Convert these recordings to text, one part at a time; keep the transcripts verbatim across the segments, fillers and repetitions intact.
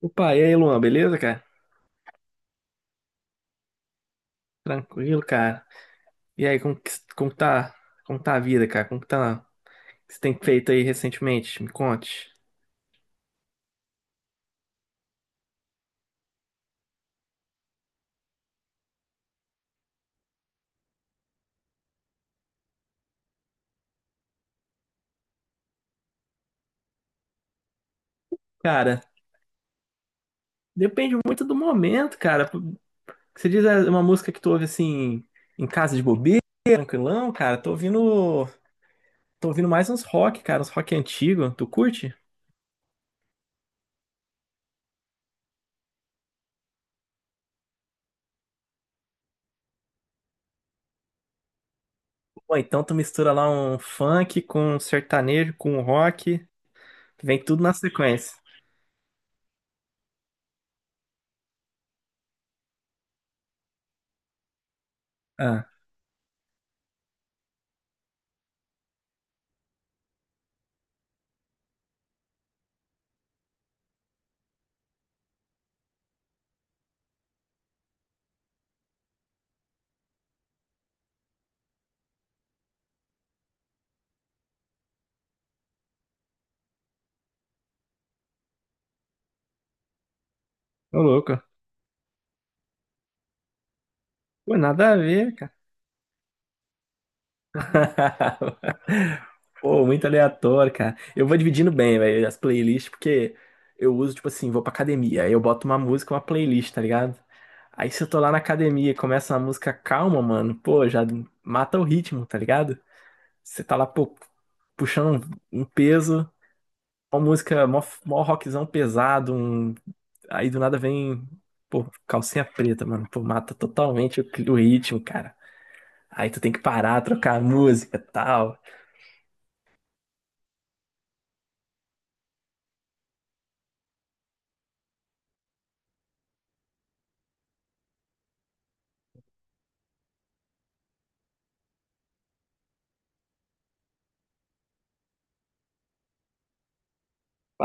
Opa, e aí, Luan, beleza, cara? Tranquilo, cara. E aí, como que, como que tá, como tá a vida, cara? Como que tá, o que você tem feito aí recentemente? Me conte. Cara, depende muito do momento, cara. Você diz é, uma música que tu ouve assim em casa de bobeira, tranquilão, cara. Tô ouvindo, tô ouvindo mais uns rock, cara, uns rock antigo. Tu curte? Ou então tu mistura lá um funk com um sertanejo, com um rock, vem tudo na sequência. Ah, ô louco. Pô, nada a ver, cara. Pô, muito aleatório, cara. Eu vou dividindo bem, velho, as playlists, porque eu uso, tipo assim, vou pra academia, aí eu boto uma música, uma playlist, tá ligado? Aí se eu tô lá na academia e começa uma música calma, mano, pô, já mata o ritmo, tá ligado? Você tá lá, pô, puxando um um peso, uma música, mó, mó rockzão pesado, um... aí do nada vem, pô, calcinha preta, mano, pô, mata totalmente o, cli- o ritmo, cara. Aí tu tem que parar, trocar a música, tal.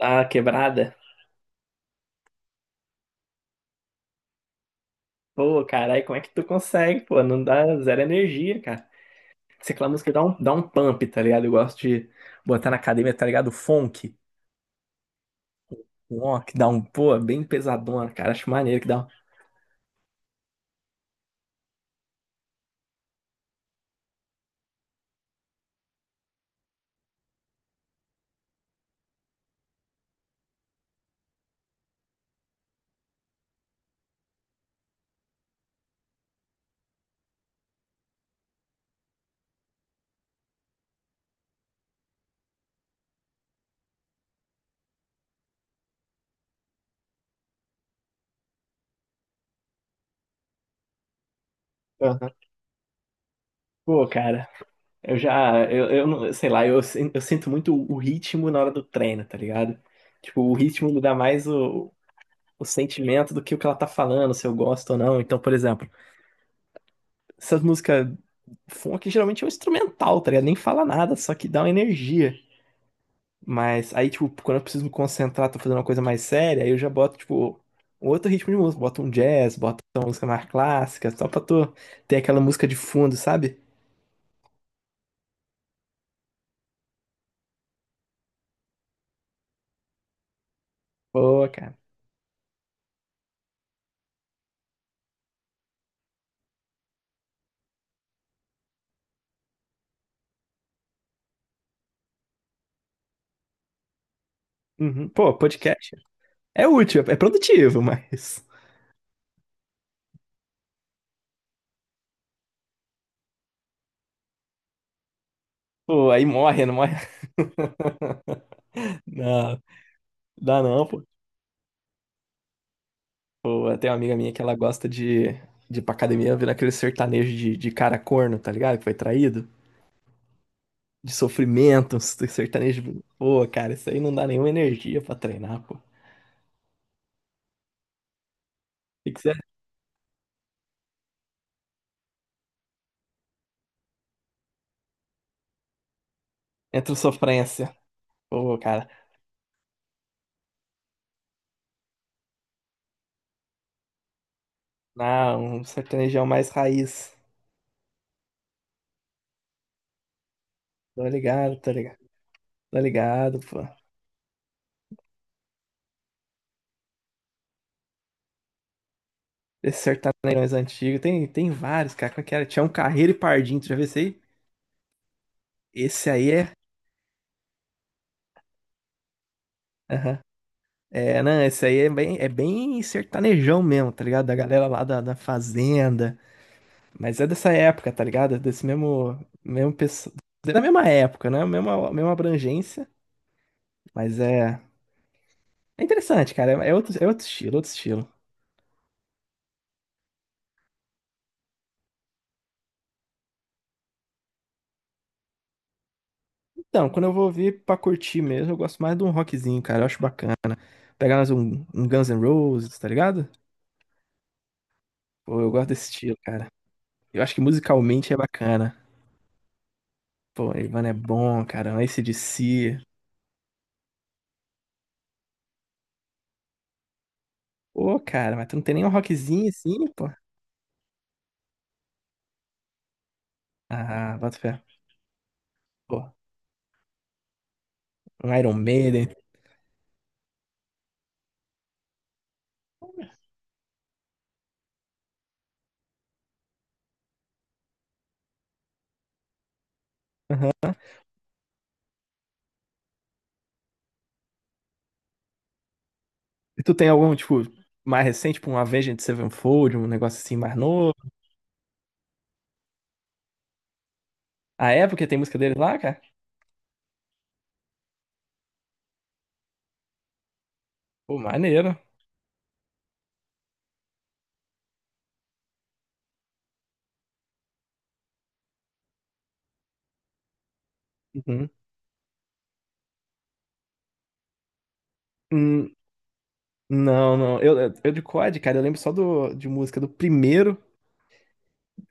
Ah, quebrada. Pô, caralho, como é que tu consegue, pô? Não dá zero energia, cara. Se aquela música dá um, dá um pump, tá ligado? Eu gosto de botar na academia, tá ligado? Funk. Ó, que dá um, pô, bem pesadona, cara. Acho maneiro que dá um. Aham. Pô, cara, eu já, eu, eu não, sei lá, eu, sin- eu sinto muito o o ritmo na hora do treino, tá ligado? Tipo, o ritmo me dá mais o, o sentimento do que o que ela tá falando, se eu gosto ou não. Então, por exemplo, essas músicas funk geralmente é um instrumental, tá ligado? Nem fala nada, só que dá uma energia. Mas aí, tipo, quando eu preciso me concentrar, tô fazendo uma coisa mais séria, aí eu já boto, tipo, um outro ritmo de música. Boto um jazz, boto uma música mais clássica, só pra tu ter aquela música de fundo, sabe? Pô, cara. Uhum. Pô, podcast é útil, é produtivo, mas. Pô, aí morre, não morre? Não, dá não, pô. Pô, tem uma amiga minha que ela gosta de, de ir pra academia vendo aquele sertanejo de, de cara corno, tá ligado? Que foi traído. De sofrimento, uns sertanejo. Pô, cara, isso aí não dá nenhuma energia pra treinar, pô. O que que você entra o sofrência? Pô, cara, não, um sertanejão mais raiz. Tô ligado, tô ligado, Tô ligado, pô. Esses sertanejões antigos, tem, tem vários, cara. Qual que era? Tinha um Carreiro e Pardinho, tu já viu esse aí? Esse aí é. Aham. É, não, esse aí é bem, é bem sertanejão mesmo, tá ligado? Da galera lá da, da fazenda. Mas é dessa época, tá ligado? Desse mesmo, mesmo pessoal. Da mesma época, né? Mesma, mesma abrangência. Mas é. É interessante, cara. É é outro, é outro estilo, outro estilo. Então, quando eu vou ouvir pra curtir mesmo, eu gosto mais de um rockzinho, cara. Eu acho bacana. Pegar mais um, um Guns N' Roses, tá ligado? Pô, eu gosto desse estilo, cara. Eu acho que musicalmente é bacana. Pô, Ivan é bom, cara. A C/D C. Pô, cara, mas tu não tem nenhum rockzinho assim, pô? Ah, bota fé. Pô, um Iron Maiden. E tu tem algum, tipo, mais recente, tipo, um Avenged Sevenfold, um negócio assim mais novo? A época tem música deles lá, cara? Pô, maneiro. Uhum. Hum, não, não. Eu, eu eu de C O D, cara, eu lembro só do, de música do primeiro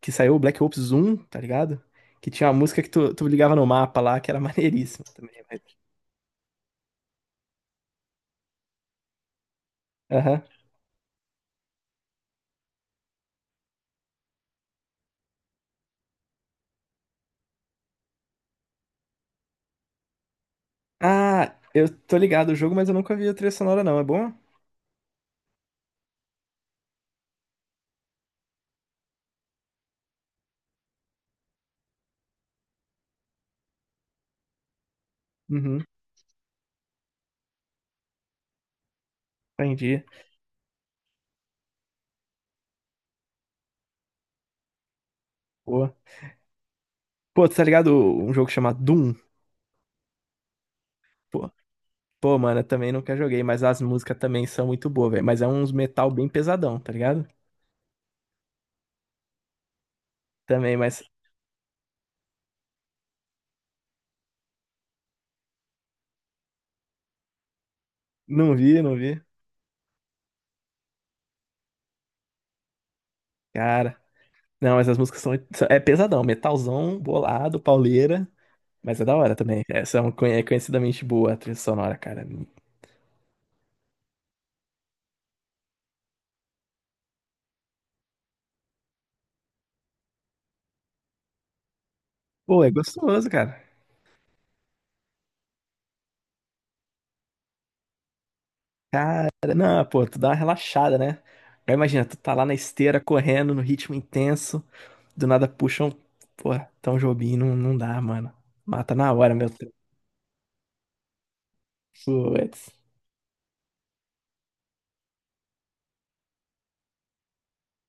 que saiu, o Black Ops um, tá ligado? Que tinha uma música que tu, tu ligava no mapa lá, que era maneiríssima também. Mas- aham. Ah, eu tô ligado o jogo, mas eu nunca vi a trilha sonora, não. É bom? Uhum, entendi. Pô, Pô, tá ligado um jogo chamado Doom? Pô, pô, mano, eu também nunca joguei, mas as músicas também são muito boas, velho. Mas é uns metal bem pesadão, tá ligado? Também, mas não vi, não vi. Cara, não, mas as músicas são, são- é pesadão, metalzão, bolado, pauleira, mas é da hora também. É, são conhe- é conhecidamente boa a trilha sonora, cara. Pô, é gostoso, cara. Cara, não, pô, tu dá uma relaxada, né? Aí imagina, tu tá lá na esteira correndo no ritmo intenso. Do nada puxam. Pô, tão Jobim não, não dá, mano. Mata na hora, meu Deus. Putz.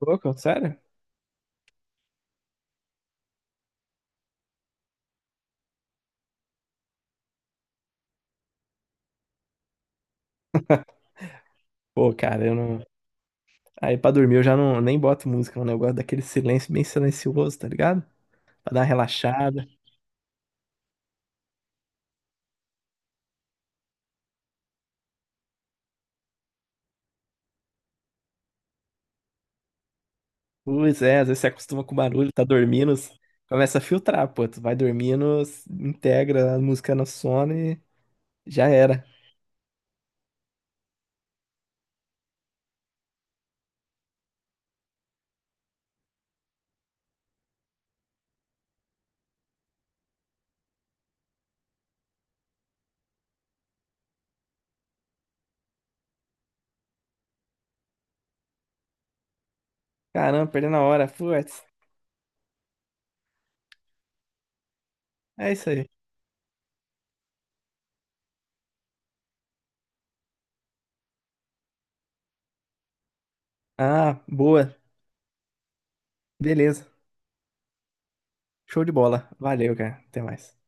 Louco, sério? Pô, cara, eu não. Aí pra dormir eu já não nem boto música, mano. Eu gosto daquele silêncio bem silencioso, tá ligado? Pra dar uma relaxada. Pois é, às vezes você acostuma com barulho, tá dormindo, s- começa a filtrar, pô. Tu vai dormindo, s- integra a música no sono e já era. Caramba, perdendo a hora. Putz. É isso aí. Ah, boa. Beleza. Show de bola. Valeu, cara. Até mais.